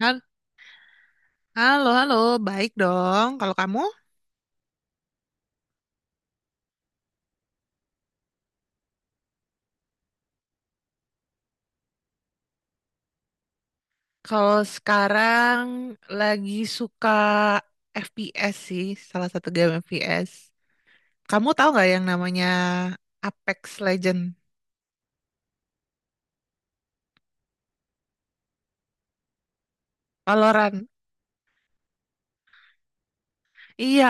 Hal- Halo, halo, baik dong. Kalau kamu, kalau sekarang lagi suka FPS sih, salah satu game FPS. Kamu tahu nggak yang namanya Apex Legend, Valorant? Iya,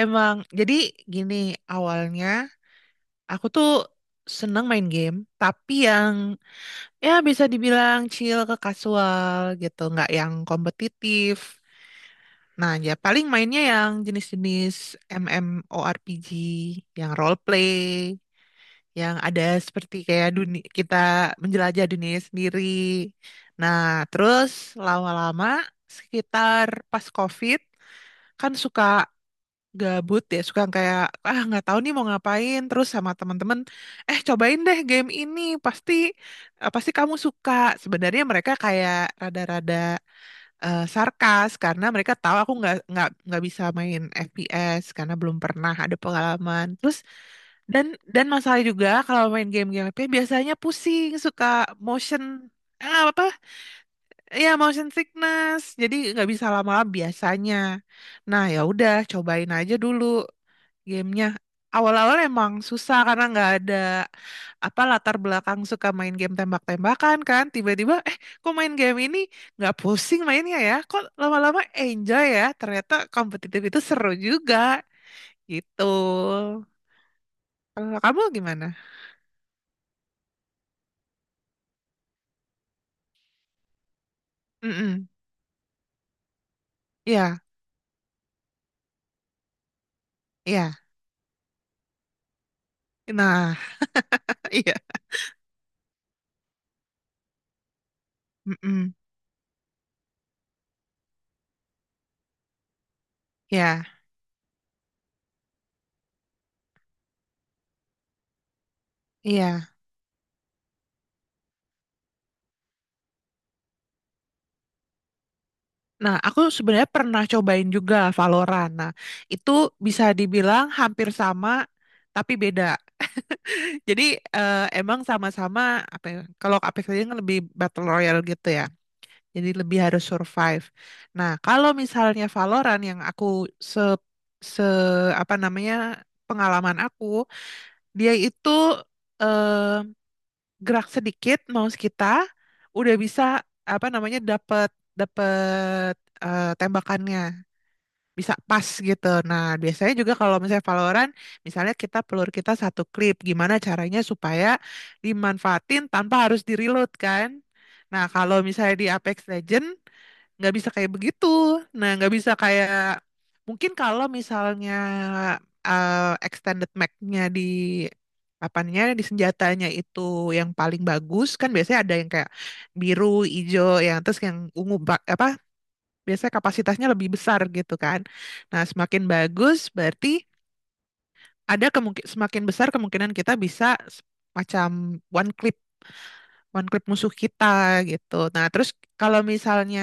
emang. Jadi gini, awalnya aku tuh seneng main game, tapi yang ya bisa dibilang chill ke casual gitu, nggak yang kompetitif. Nah, ya paling mainnya yang jenis-jenis MMORPG, yang role play, yang ada seperti kayak dunia kita menjelajah dunia sendiri. Nah, terus lama-lama sekitar pas COVID kan suka gabut ya, suka kayak ah nggak tahu nih mau ngapain. Terus sama teman-teman, eh cobain deh game ini, pasti pasti kamu suka. Sebenarnya mereka kayak rada-rada sarkas karena mereka tahu aku nggak bisa main FPS karena belum pernah ada pengalaman. Terus dan dan masalah juga kalau main game-game FPS biasanya pusing, suka motion apa? Ya motion sickness. Jadi nggak bisa lama-lama biasanya. Nah, ya udah cobain aja dulu gamenya. Awal-awal emang susah karena nggak ada apa latar belakang suka main game tembak-tembakan kan. Tiba-tiba, eh kok main game ini nggak pusing mainnya ya? Kok lama-lama enjoy ya? Ternyata kompetitif itu seru juga gitu. Kalau kamu gimana? Mm-mm. Iya, iya. Nah, iya. Mm-mm. Iya, iya. Nah, aku sebenarnya pernah cobain juga Valorant. Nah, itu bisa dibilang hampir sama tapi beda. Jadi emang sama-sama apa ya, kalau Apex Legends kan lebih battle royale gitu ya. Jadi lebih harus survive. Nah, kalau misalnya Valorant yang aku se se apa namanya pengalaman aku, dia itu eh, gerak sedikit mouse kita udah bisa apa namanya dapat dapat tembakannya bisa pas gitu. Nah, biasanya juga kalau misalnya Valorant, misalnya kita pelur kita satu klip, gimana caranya supaya dimanfaatin tanpa harus di-reload kan? Nah, kalau misalnya di Apex Legend nggak bisa kayak begitu. Nah, nggak bisa kayak mungkin kalau misalnya eh, extended mag-nya di apanya di senjatanya itu yang paling bagus kan biasanya ada yang kayak biru, hijau, yang terus yang ungu apa biasanya kapasitasnya lebih besar gitu kan. Nah, semakin bagus berarti ada kemungkin semakin besar kemungkinan kita bisa s- macam one click one-click musuh kita gitu. Nah, terus kalau misalnya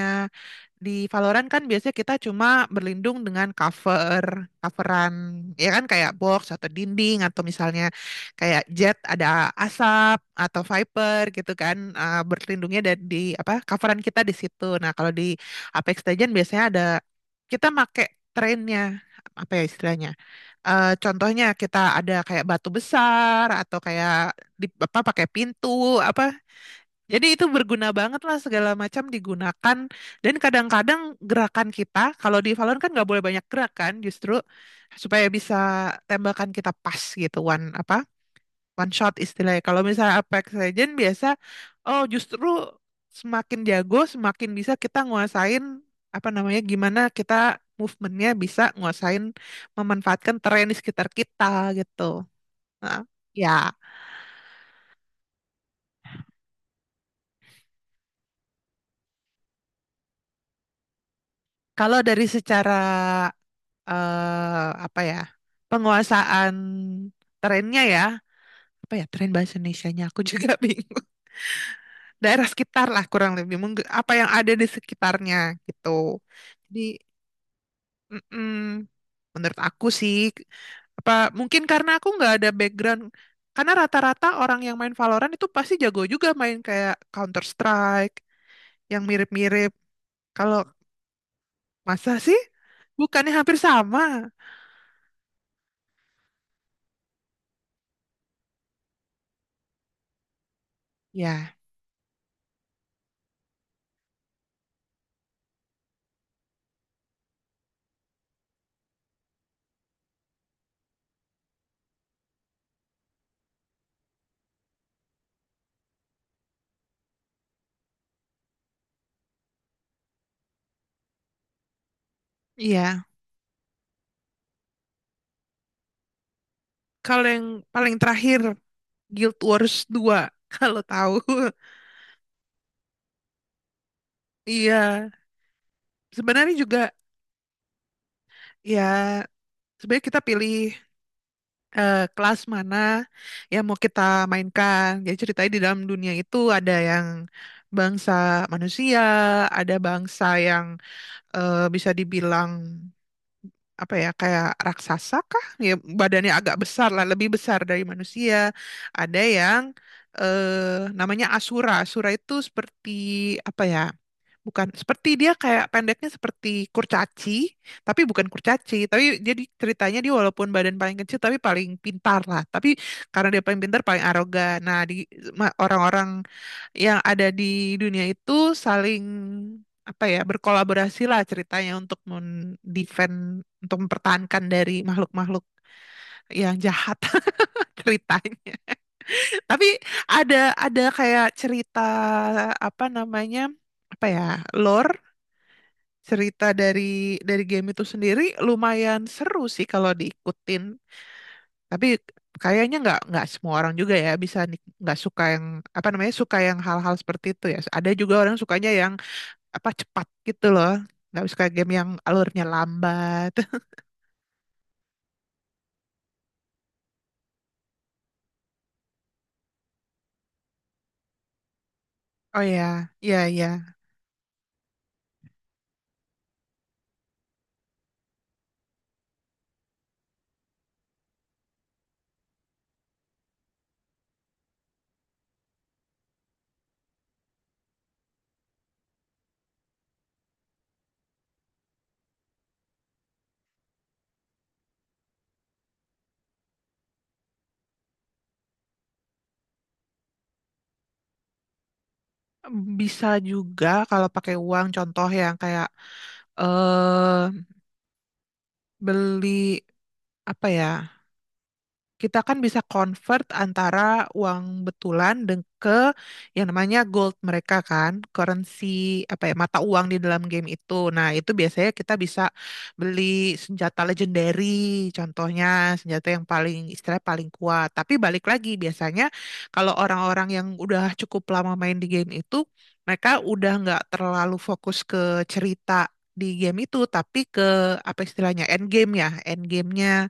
di Valorant kan biasanya kita cuma berlindung dengan cover, coveran ya kan kayak box atau dinding atau misalnya kayak jet ada asap atau Viper gitu kan berlindungnya dari di apa coveran kita di situ. Nah, kalau di Apex Legends biasanya ada kita make trennya apa ya istilahnya? Contohnya kita ada kayak batu besar atau kayak di apa pakai pintu apa jadi itu berguna banget lah segala macam digunakan. Dan kadang-kadang gerakan kita, kalau di Valorant kan nggak boleh banyak gerakan justru supaya bisa tembakan kita pas gitu, one apa one shot istilahnya. Kalau misalnya Apex Legend biasa, oh justru semakin jago, semakin bisa kita nguasain apa namanya, gimana kita movementnya bisa nguasain memanfaatkan terrain di sekitar kita gitu. Nah, ya kalau dari secara apa ya penguasaan trennya ya, apa ya tren bahasa Indonesianya aku juga bingung, daerah sekitar lah kurang lebih mungkin apa yang ada di sekitarnya gitu. Jadi mm-mm, menurut aku sih apa mungkin karena aku nggak ada background, karena rata-rata orang yang main Valorant itu pasti jago juga main kayak Counter Strike yang mirip-mirip. Kalau masa sih bukannya hampir sama ya iya. Kalau yang paling terakhir Guild Wars 2 kalau tahu. Iya, sebenarnya juga ya sebenarnya kita pilih kelas mana yang mau kita mainkan. Jadi ceritanya di dalam dunia itu ada yang bangsa manusia, ada bangsa yang bisa dibilang apa ya kayak raksasa kah? Ya badannya agak besar lah, lebih besar dari manusia. Ada yang eh namanya Asura. Asura itu seperti apa ya? Bukan seperti dia kayak pendeknya seperti kurcaci, tapi bukan kurcaci. Tapi jadi ceritanya dia walaupun badan paling kecil tapi paling pintar lah. Tapi karena dia paling pintar paling arogan. Nah, di orang-orang yang ada di dunia itu saling apa ya berkolaborasi lah ceritanya untuk mendefend untuk mempertahankan dari makhluk-makhluk yang jahat ceritanya. Tapi ada ada kayak cerita apa namanya? Apa ya lore cerita dari game itu sendiri lumayan seru sih kalau diikutin. Tapi kayaknya nggak semua orang juga ya bisa nggak suka yang apa namanya suka yang hal-hal seperti itu ya. Ada juga orang sukanya yang apa cepat gitu loh. Nggak suka game yang alurnya lambat. Oh ya, ya ya. Bisa juga kalau pakai uang contoh yang kayak eh beli apa ya? Kita kan bisa convert antara uang betulan dan ke yang namanya gold mereka kan, currency apa ya mata uang di dalam game itu. Nah, itu biasanya kita bisa beli senjata legendary contohnya senjata yang paling istilahnya paling kuat. Tapi balik lagi biasanya kalau orang-orang yang udah cukup lama main di game itu, mereka udah nggak terlalu fokus ke cerita di game itu tapi ke apa istilahnya end game ya end gamenya.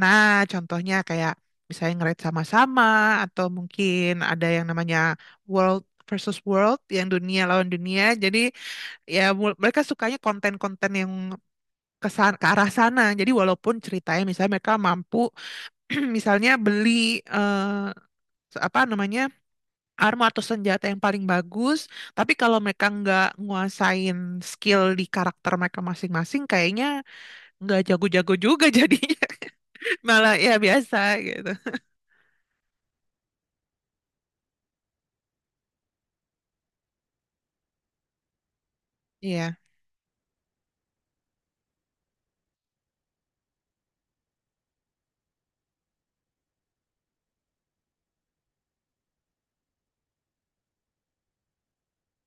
Nah, contohnya kayak misalnya nge-rate sama-sama atau mungkin ada yang namanya world versus world yang dunia lawan dunia. Jadi ya mereka sukanya konten-konten yang kesan ke arah sana. Jadi walaupun ceritanya misalnya mereka mampu misalnya beli apa namanya armor atau senjata yang paling bagus, tapi kalau mereka nggak nguasain skill di karakter mereka masing-masing, kayaknya nggak jago-jago juga jadinya. Malah ya biasa gitu. Iya.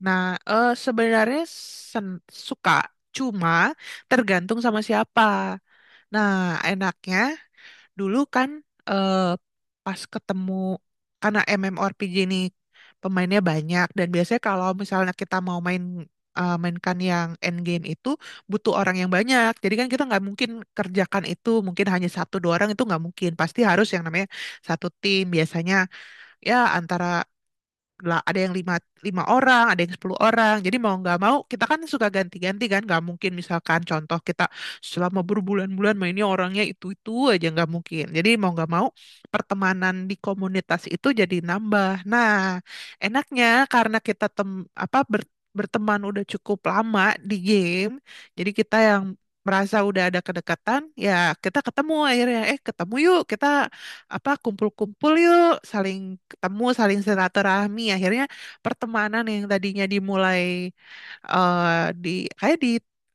Nah, sebenarnya sen- suka, cuma tergantung sama siapa. Nah, enaknya dulu kan eh pas ketemu karena MMORPG ini pemainnya banyak dan biasanya kalau misalnya kita mau main mainkan yang endgame itu butuh orang yang banyak. Jadi kan kita nggak mungkin kerjakan itu mungkin hanya satu dua orang itu nggak mungkin. Pasti harus yang namanya satu tim biasanya ya antara lah ada yang lima, lima orang, ada yang 10 orang. Jadi mau nggak mau kita kan suka ganti-ganti kan. Nggak mungkin misalkan contoh kita selama berbulan-bulan mainnya orangnya itu-itu aja nggak mungkin. Jadi mau nggak mau pertemanan di komunitas itu jadi nambah. Nah, enaknya karena kita apa ber- berteman udah cukup lama di game, jadi kita yang merasa udah ada kedekatan, ya kita ketemu akhirnya, eh ketemu yuk kita apa kumpul-kumpul yuk, saling ketemu, saling silaturahmi. Akhirnya pertemanan yang tadinya dimulai eh, di kayak di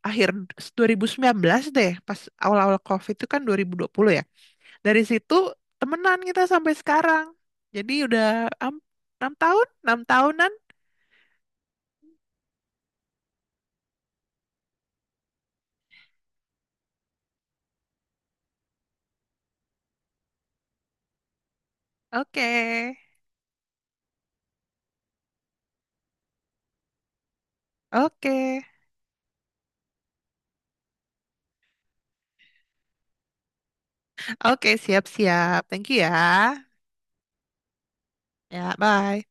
akhir 2019 deh, pas awal-awal COVID itu kan 2020 ya. Dari situ temenan kita sampai sekarang. Jadi udah am- 6 tahun, 6 tahunan. Oke, oke, oke, siap-siap. Thank you ya. Ya, bye.